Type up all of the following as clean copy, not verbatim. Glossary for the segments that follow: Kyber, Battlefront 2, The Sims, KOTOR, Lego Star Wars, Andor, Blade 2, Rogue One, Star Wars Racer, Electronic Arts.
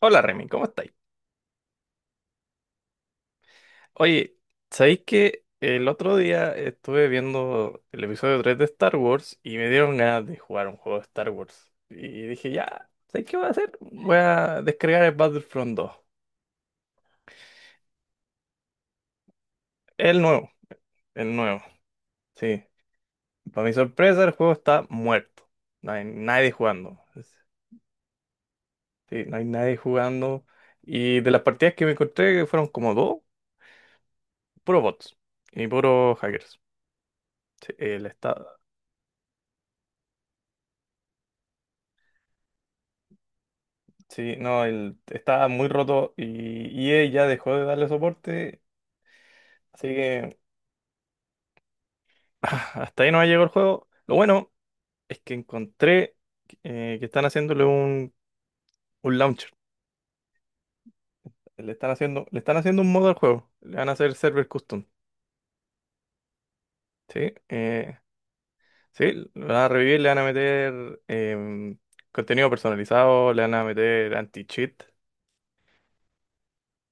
Hola Remy, ¿cómo estáis? Oye, ¿sabéis que el otro día estuve viendo el episodio 3 de Star Wars y me dieron ganas de jugar un juego de Star Wars? Y dije, ya, ¿sabéis qué voy a hacer? Voy a descargar el Battlefront 2. El nuevo, el nuevo, sí. Para mi sorpresa, el juego está muerto. No hay nadie jugando. Sí, no hay nadie jugando. Y de las partidas que me encontré fueron como dos, puro bots y puro hackers. Sí, el estado. Sí, no, el, estaba muy roto y EA ya dejó de darle soporte, así que hasta ahí no ha llegado el juego. Lo bueno es que encontré que están haciéndole un launcher. Le están haciendo un modo al juego. Le van a hacer server custom. Sí, sí, lo van a revivir, le van a meter contenido personalizado, le van a meter anti-cheat.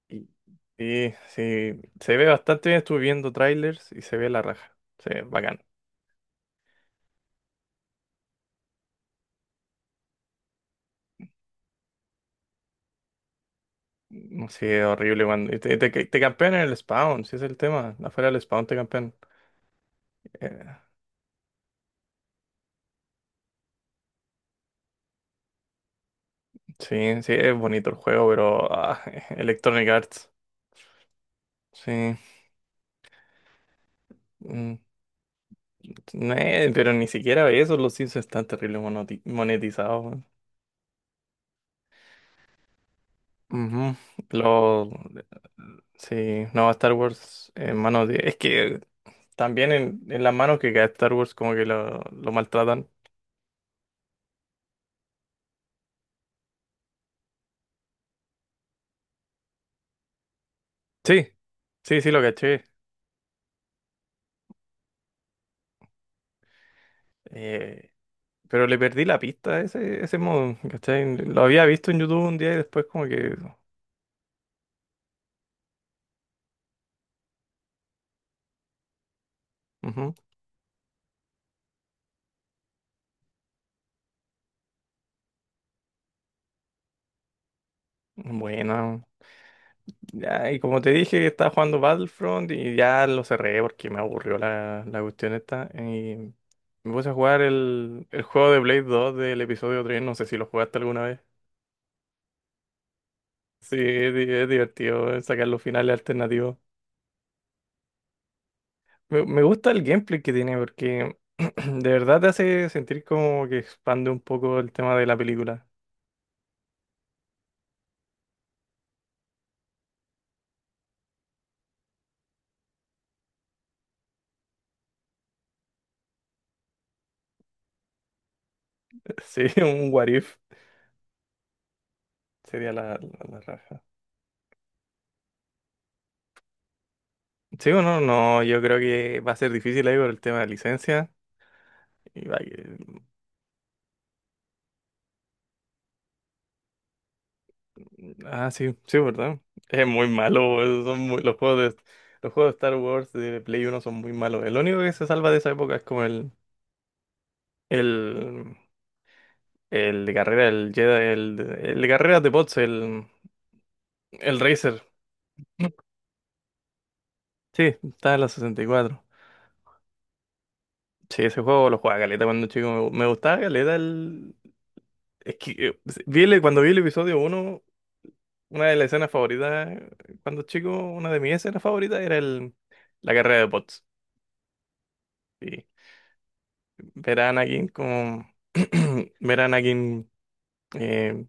Y, y sí, se ve bastante bien, estuve viendo trailers y se ve la raja. Se ve bacán. No sé, horrible cuando y te campean en el spawn, si es el tema. Afuera del spawn te campean. Eh, sí, sí, es bonito el juego, pero ah, Electronic Arts. Sí. Mm, no, pero ni siquiera eso, los Sims están terrible monoti- monetizados. Weón. Ujú. Lo, sí, no, Star Wars en manos de... Es que también en las manos que cae Star Wars como que lo maltratan. Sí, sí, sí, lo caché. Eh, Pero le perdí la pista a ese, ese modo, ¿cachai? Lo había visto en YouTube un día y después como que... Ujú. Bueno, ya, y como te dije, estaba jugando Battlefront y ya lo cerré porque me aburrió la, la cuestión esta. Y me puse a jugar el juego de Blade 2 del episodio tres, no sé si lo jugaste alguna vez. Sí, es, di- es divertido sacar los finales alternativos. Me gusta el gameplay que tiene porque de verdad te hace sentir como que expande un poco el tema de la película. Sí, un what if. Sería la raja. Sí o no, no, yo creo que va a ser difícil ahí por el tema de licencia. Y va que- Ah, sí, sí, ¿verdad? Es muy malo, boludo, son muy- los juegos de Star Wars de Play uno son muy malos. El único que se salva de esa época es como el, el de carrera, el Jedi, el de carreras de bots, el Racer. Sí, está en la 64. Sí, ese juego lo jugaba caleta cuando chico. Me gustaba caleta el... Es que vi el- cuando vi el episodio uno. Una de las escenas favoritas, cuando chico, una de mis escenas favoritas era el, la carrera de bots. Y ver a Anakin como, ver a Anakin eh,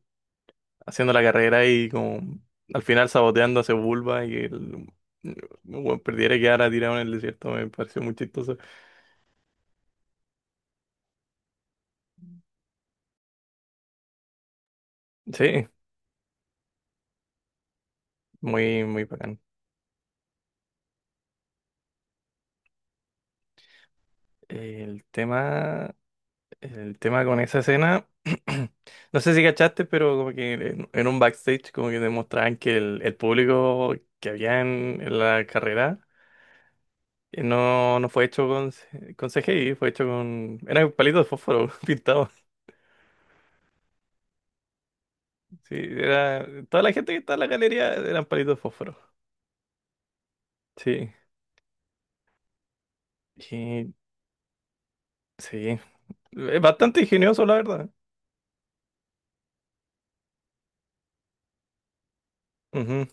haciendo la carrera y como al final saboteando a ese Bulba y que el, bueno, perdiera y quedara tirado en el desierto me pareció muy chistoso. Sí, muy, muy bacán. El tema. El tema con esa escena, no sé si cachaste, pero como que en un backstage como que demostraban que el público que había en la carrera no, no fue hecho con, C- con CGI, fue hecho con... Eran palitos de fósforo pintados. Sí, era, toda la gente que estaba en la galería eran palitos de fósforo. Sí, y, sí. Es bastante ingenioso, la verdad. Ujú.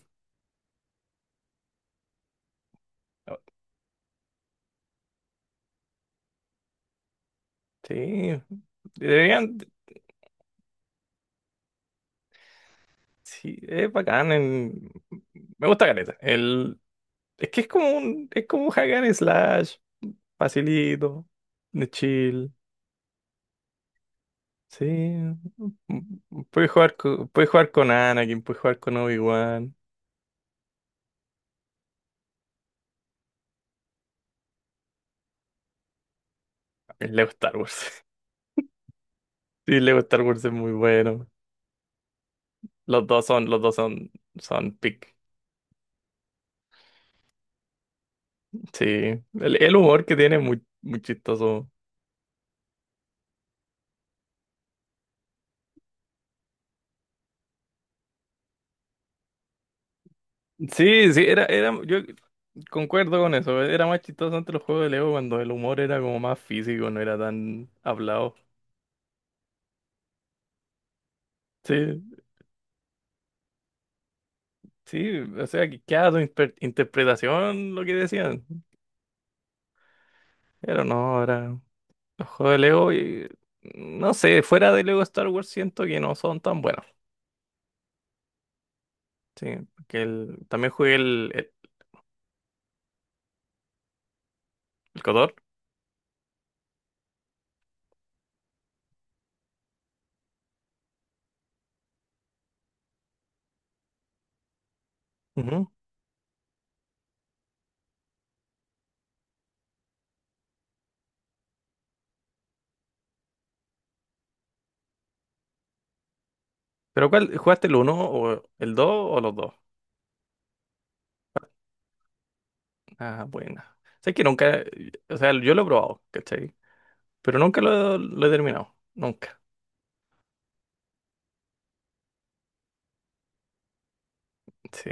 Oh, sí, deberían... Sí, es bacán. En- me gusta caleta. El, es que es como un hack and slash, facilito, de chill. Sí, mm, puedes jugar con Anakin, puedes jugar con Obi-Wan. El Lego Star Wars. Sí, el Lego Star Wars es muy bueno. Los dos son, son pick. Sí, el humor que tiene es muy, muy chistoso. Sí, sí, era, era, yo concuerdo con eso. Era más chistoso antes los juegos de Lego cuando el humor era como más físico, no era tan hablado. Sí. Sí, o sea, que queda tu inter- interpretación lo que decían. Pero no, ahora los juegos de Lego, y, no sé, fuera de Lego Star Wars siento que no son tan buenos. Sí, que el, también jugué el KOTOR. Ujú. Pero ¿cuál? ¿Jugaste el uno o el 2 o los dos? Ah, buena. Sé que nunca, o sea, yo lo he probado, ¿cachai? Pero nunca lo, lo he terminado, nunca. Sí.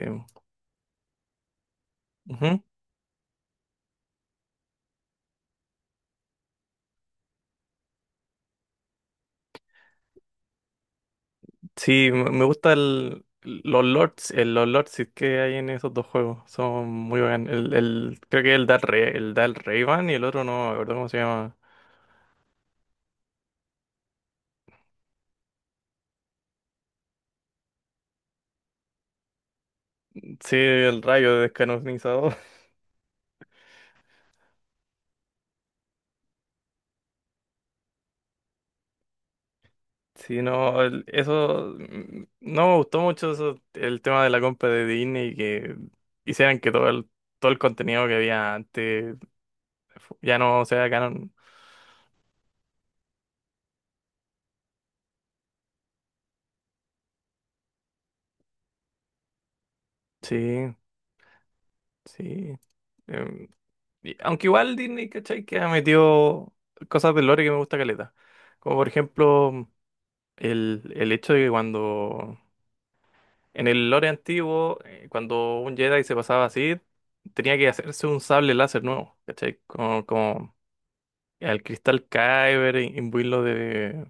Ujú. Sí, me me gusta el, los lords que hay en esos dos juegos. Son muy buenos. El, creo que el da el, Re- el da el Rayban y el otro no, me acuerdo cómo se llama. Sí, el rayo descanonizador. Sí, no, el- eso, mm, no me gustó mucho eso, el tema de la compra de Disney y que hicieran que todo el contenido que había antes fu- ya no sea canon. Sí, sí. em, Y- aunque igual Disney, ¿cachai? Que ha metido cosas del lore que me gusta caleta. Como por ejemplo, el hecho de que cuando. En el lore antiguo, cuando un Jedi se pasaba así, tenía que hacerse un sable láser nuevo, ¿cachai? Como, como el cristal Kyber, im- imbuirlo de.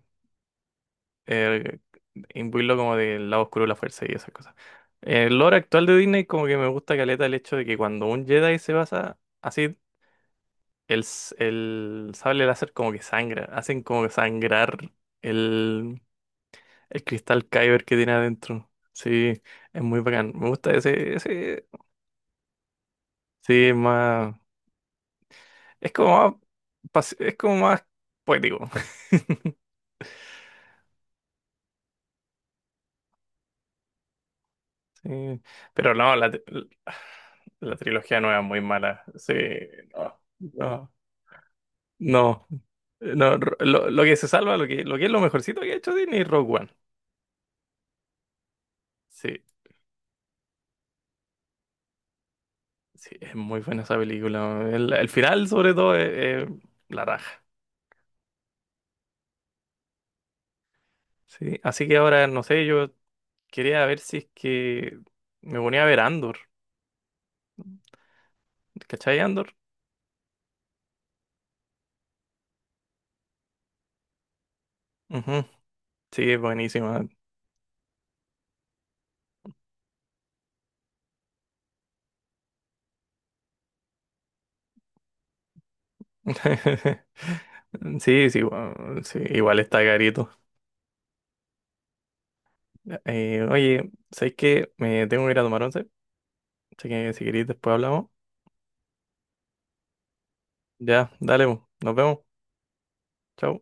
eh, Imbuirlo como del lado oscuro de la fuerza y esas cosas. El lore actual de Disney, como que me gusta caleta el hecho de que cuando un Jedi se basa. Así el, s- el sable láser como que sangra, hacen como que sangrar el, el cristal Kyber que tiene adentro. Sí, es muy bacán. Me gusta ese, ese, sí, es más, es como más, pas- es como más poético. Sí, pero no, la, tri- la trilogía nueva es muy mala. Sí, no, no, no. No, ro- lo que se salva, lo que es lo mejorcito que ha hecho Disney es Rogue One. Sí, sí, es muy buena esa película. El final, sobre todo, es la raja. Sí, así que ahora, no sé, yo quería ver si es que me ponía a ver Andor. ¿Cachai Andor? Ujú. Sí, es buenísima. Sí, sí, bueno, sí, igual está carito. Oye, ¿sabes qué? Me tengo que ir a tomar once. Así que si queréis, después hablamos. Ya, dale, po. Nos vemos. Chau.